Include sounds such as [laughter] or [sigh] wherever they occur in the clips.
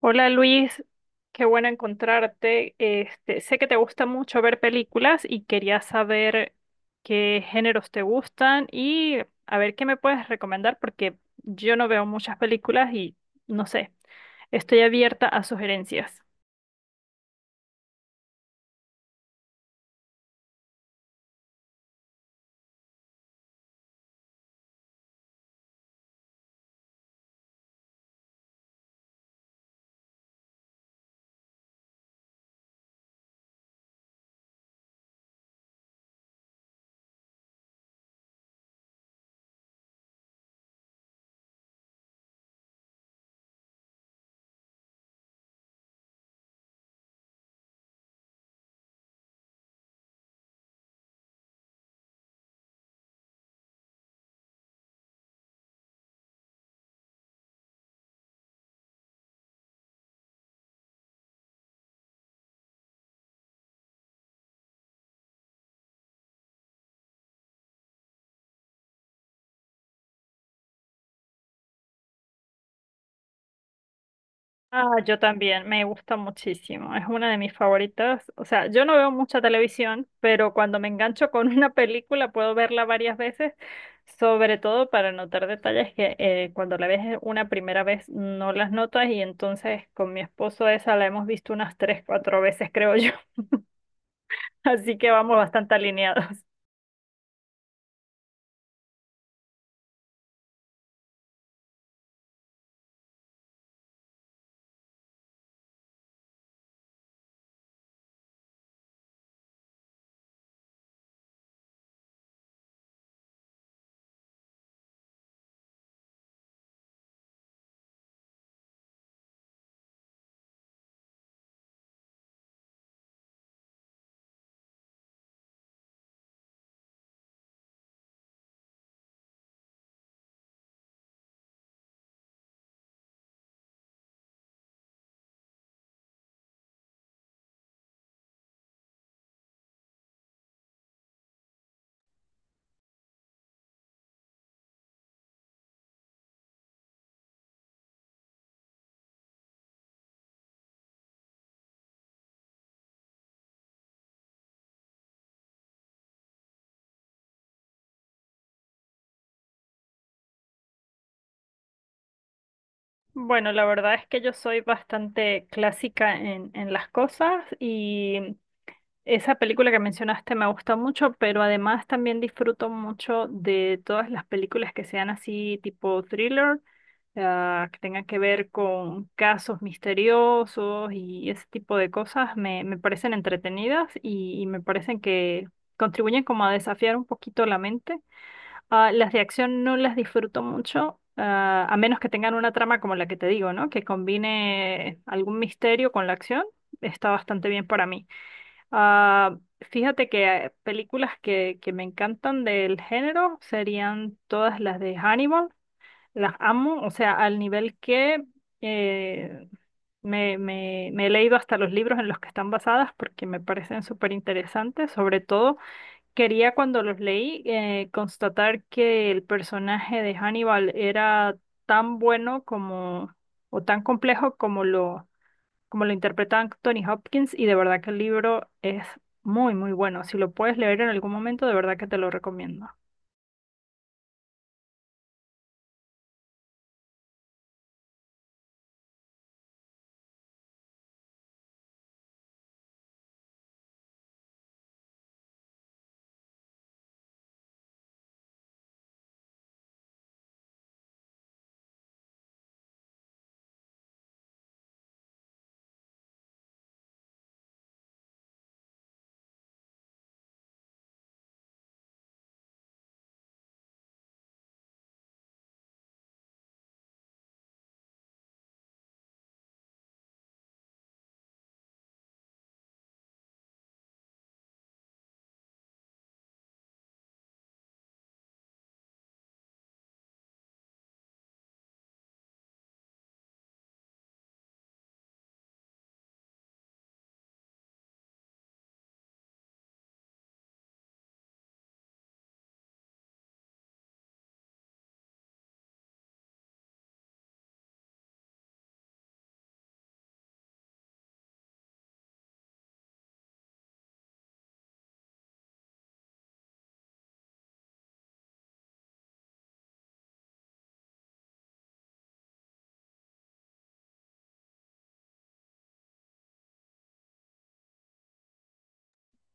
Hola Luis, qué bueno encontrarte. Sé que te gusta mucho ver películas y quería saber qué géneros te gustan y a ver qué me puedes recomendar porque yo no veo muchas películas y no sé, estoy abierta a sugerencias. Ah, yo también, me gusta muchísimo, es una de mis favoritas. O sea, yo no veo mucha televisión, pero cuando me engancho con [laughs] una película puedo verla varias veces, sobre todo para notar detalles que cuando la ves una primera vez no las notas y entonces con mi esposo esa la hemos visto unas tres, cuatro veces, creo yo. [laughs] Así que vamos bastante alineados. Bueno, la verdad es que yo soy bastante clásica en las cosas y esa película que mencionaste me gusta mucho, pero además también disfruto mucho de todas las películas que sean así tipo thriller, ah, que tengan que ver con casos misteriosos y ese tipo de cosas. Me parecen entretenidas y me parecen que contribuyen como a desafiar un poquito la mente. Ah, las de acción no las disfruto mucho. Ah, a menos que tengan una trama como la que te digo, ¿no? Que combine algún misterio con la acción, está bastante bien para mí. Ah, fíjate que películas que me encantan del género serían todas las de Hannibal. Las amo, o sea, al nivel que eh, me he leído hasta los libros en los que están basadas porque me parecen súper interesantes. Sobre todo, quería cuando los leí constatar que el personaje de Hannibal era tan bueno como o tan complejo como lo interpreta Anthony Hopkins y de verdad que el libro es muy, muy bueno. Si lo puedes leer en algún momento, de verdad que te lo recomiendo.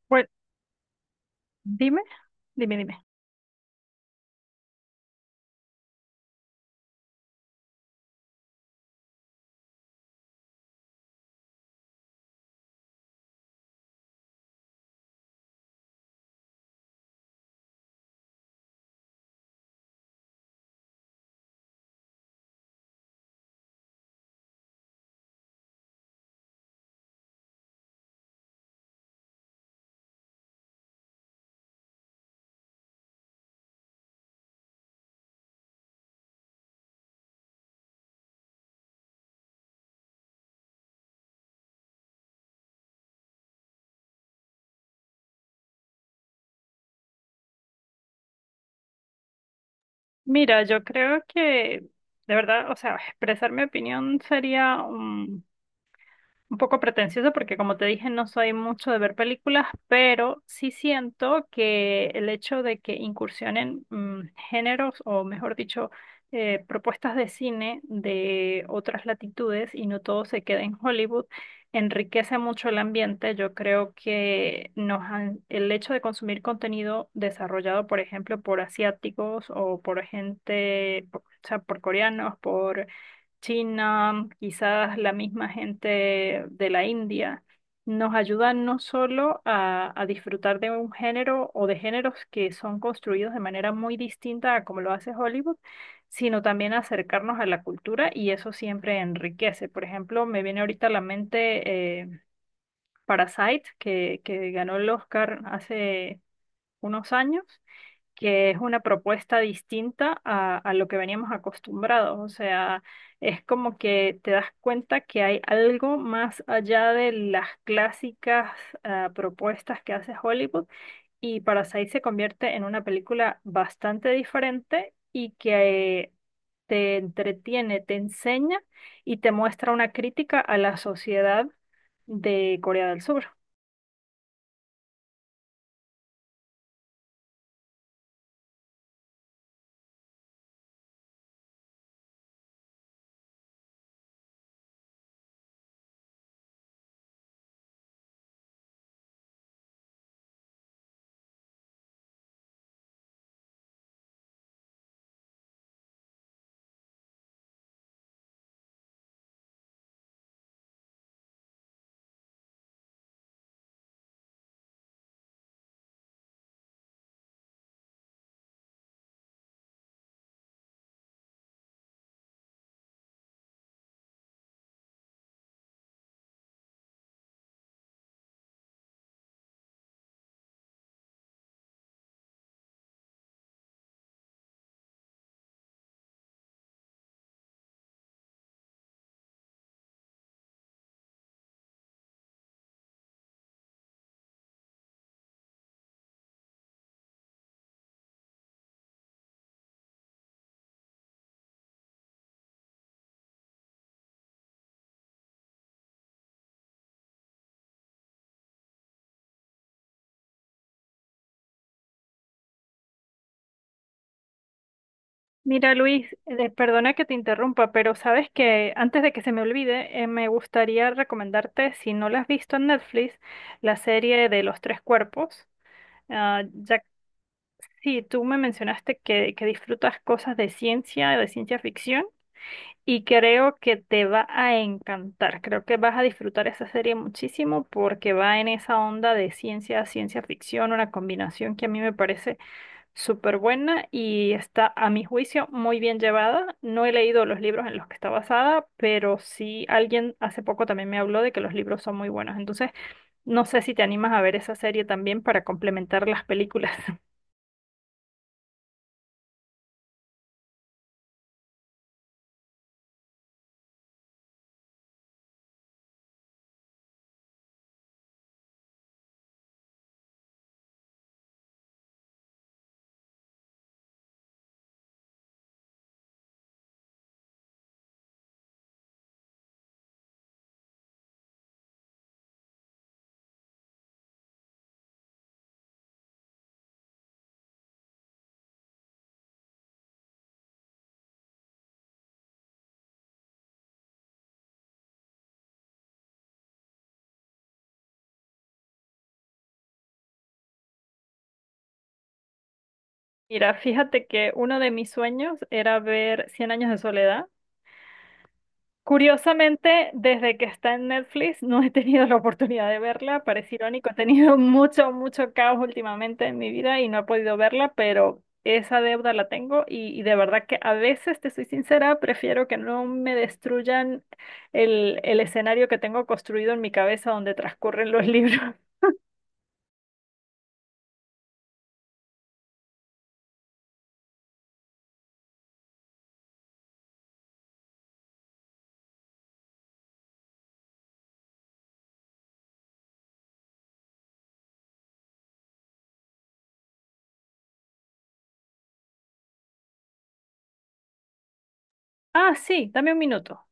Bueno, dime, dime, dime. Mira, yo creo que de verdad, o sea, expresar mi opinión sería un poco pretencioso porque como te dije no soy mucho de ver películas, pero sí siento que el hecho de que incursionen géneros o mejor dicho propuestas de cine de otras latitudes y no todo se queda en Hollywood enriquece mucho el ambiente. Yo creo que el hecho de consumir contenido desarrollado, por ejemplo, por asiáticos o por gente, o sea, por coreanos, por China, quizás la misma gente de la India, nos ayudan no solo a disfrutar de un género o de géneros que son construidos de manera muy distinta a como lo hace Hollywood, sino también a acercarnos a la cultura y eso siempre enriquece. Por ejemplo, me viene ahorita a la mente Parasite, que ganó el Oscar hace unos años, que es una propuesta distinta a lo que veníamos acostumbrados. O sea, es como que te das cuenta que hay algo más allá de las clásicas ah, propuestas que hace Hollywood y Parasite se convierte en una película bastante diferente y que te entretiene, te enseña y te muestra una crítica a la sociedad de Corea del Sur. Mira, Luis, perdona que te interrumpa, pero sabes que antes de que se me olvide, me gustaría recomendarte, si no la has visto en Netflix, la serie de Los Tres Cuerpos. Ah, ya sí, tú me mencionaste que disfrutas cosas de ciencia ficción, y creo que te va a encantar. Creo que vas a disfrutar esa serie muchísimo porque va en esa onda de ciencia ficción, una combinación que a mí me parece súper buena y está, a mi juicio, muy bien llevada. No he leído los libros en los que está basada, pero sí alguien hace poco también me habló de que los libros son muy buenos. Entonces, no sé si te animas a ver esa serie también para complementar las películas. [laughs] Mira, fíjate que uno de mis sueños era ver Cien años de soledad. Curiosamente, desde que está en Netflix no he tenido la oportunidad de verla, parece irónico, he tenido [laughs] mucho, mucho caos últimamente en mi vida y no he podido verla, pero esa deuda la tengo y de verdad que a veces, te soy sincera, prefiero que no me destruyan el escenario que tengo construido en mi cabeza donde transcurren los libros. [laughs] Ah, sí, dame un minuto.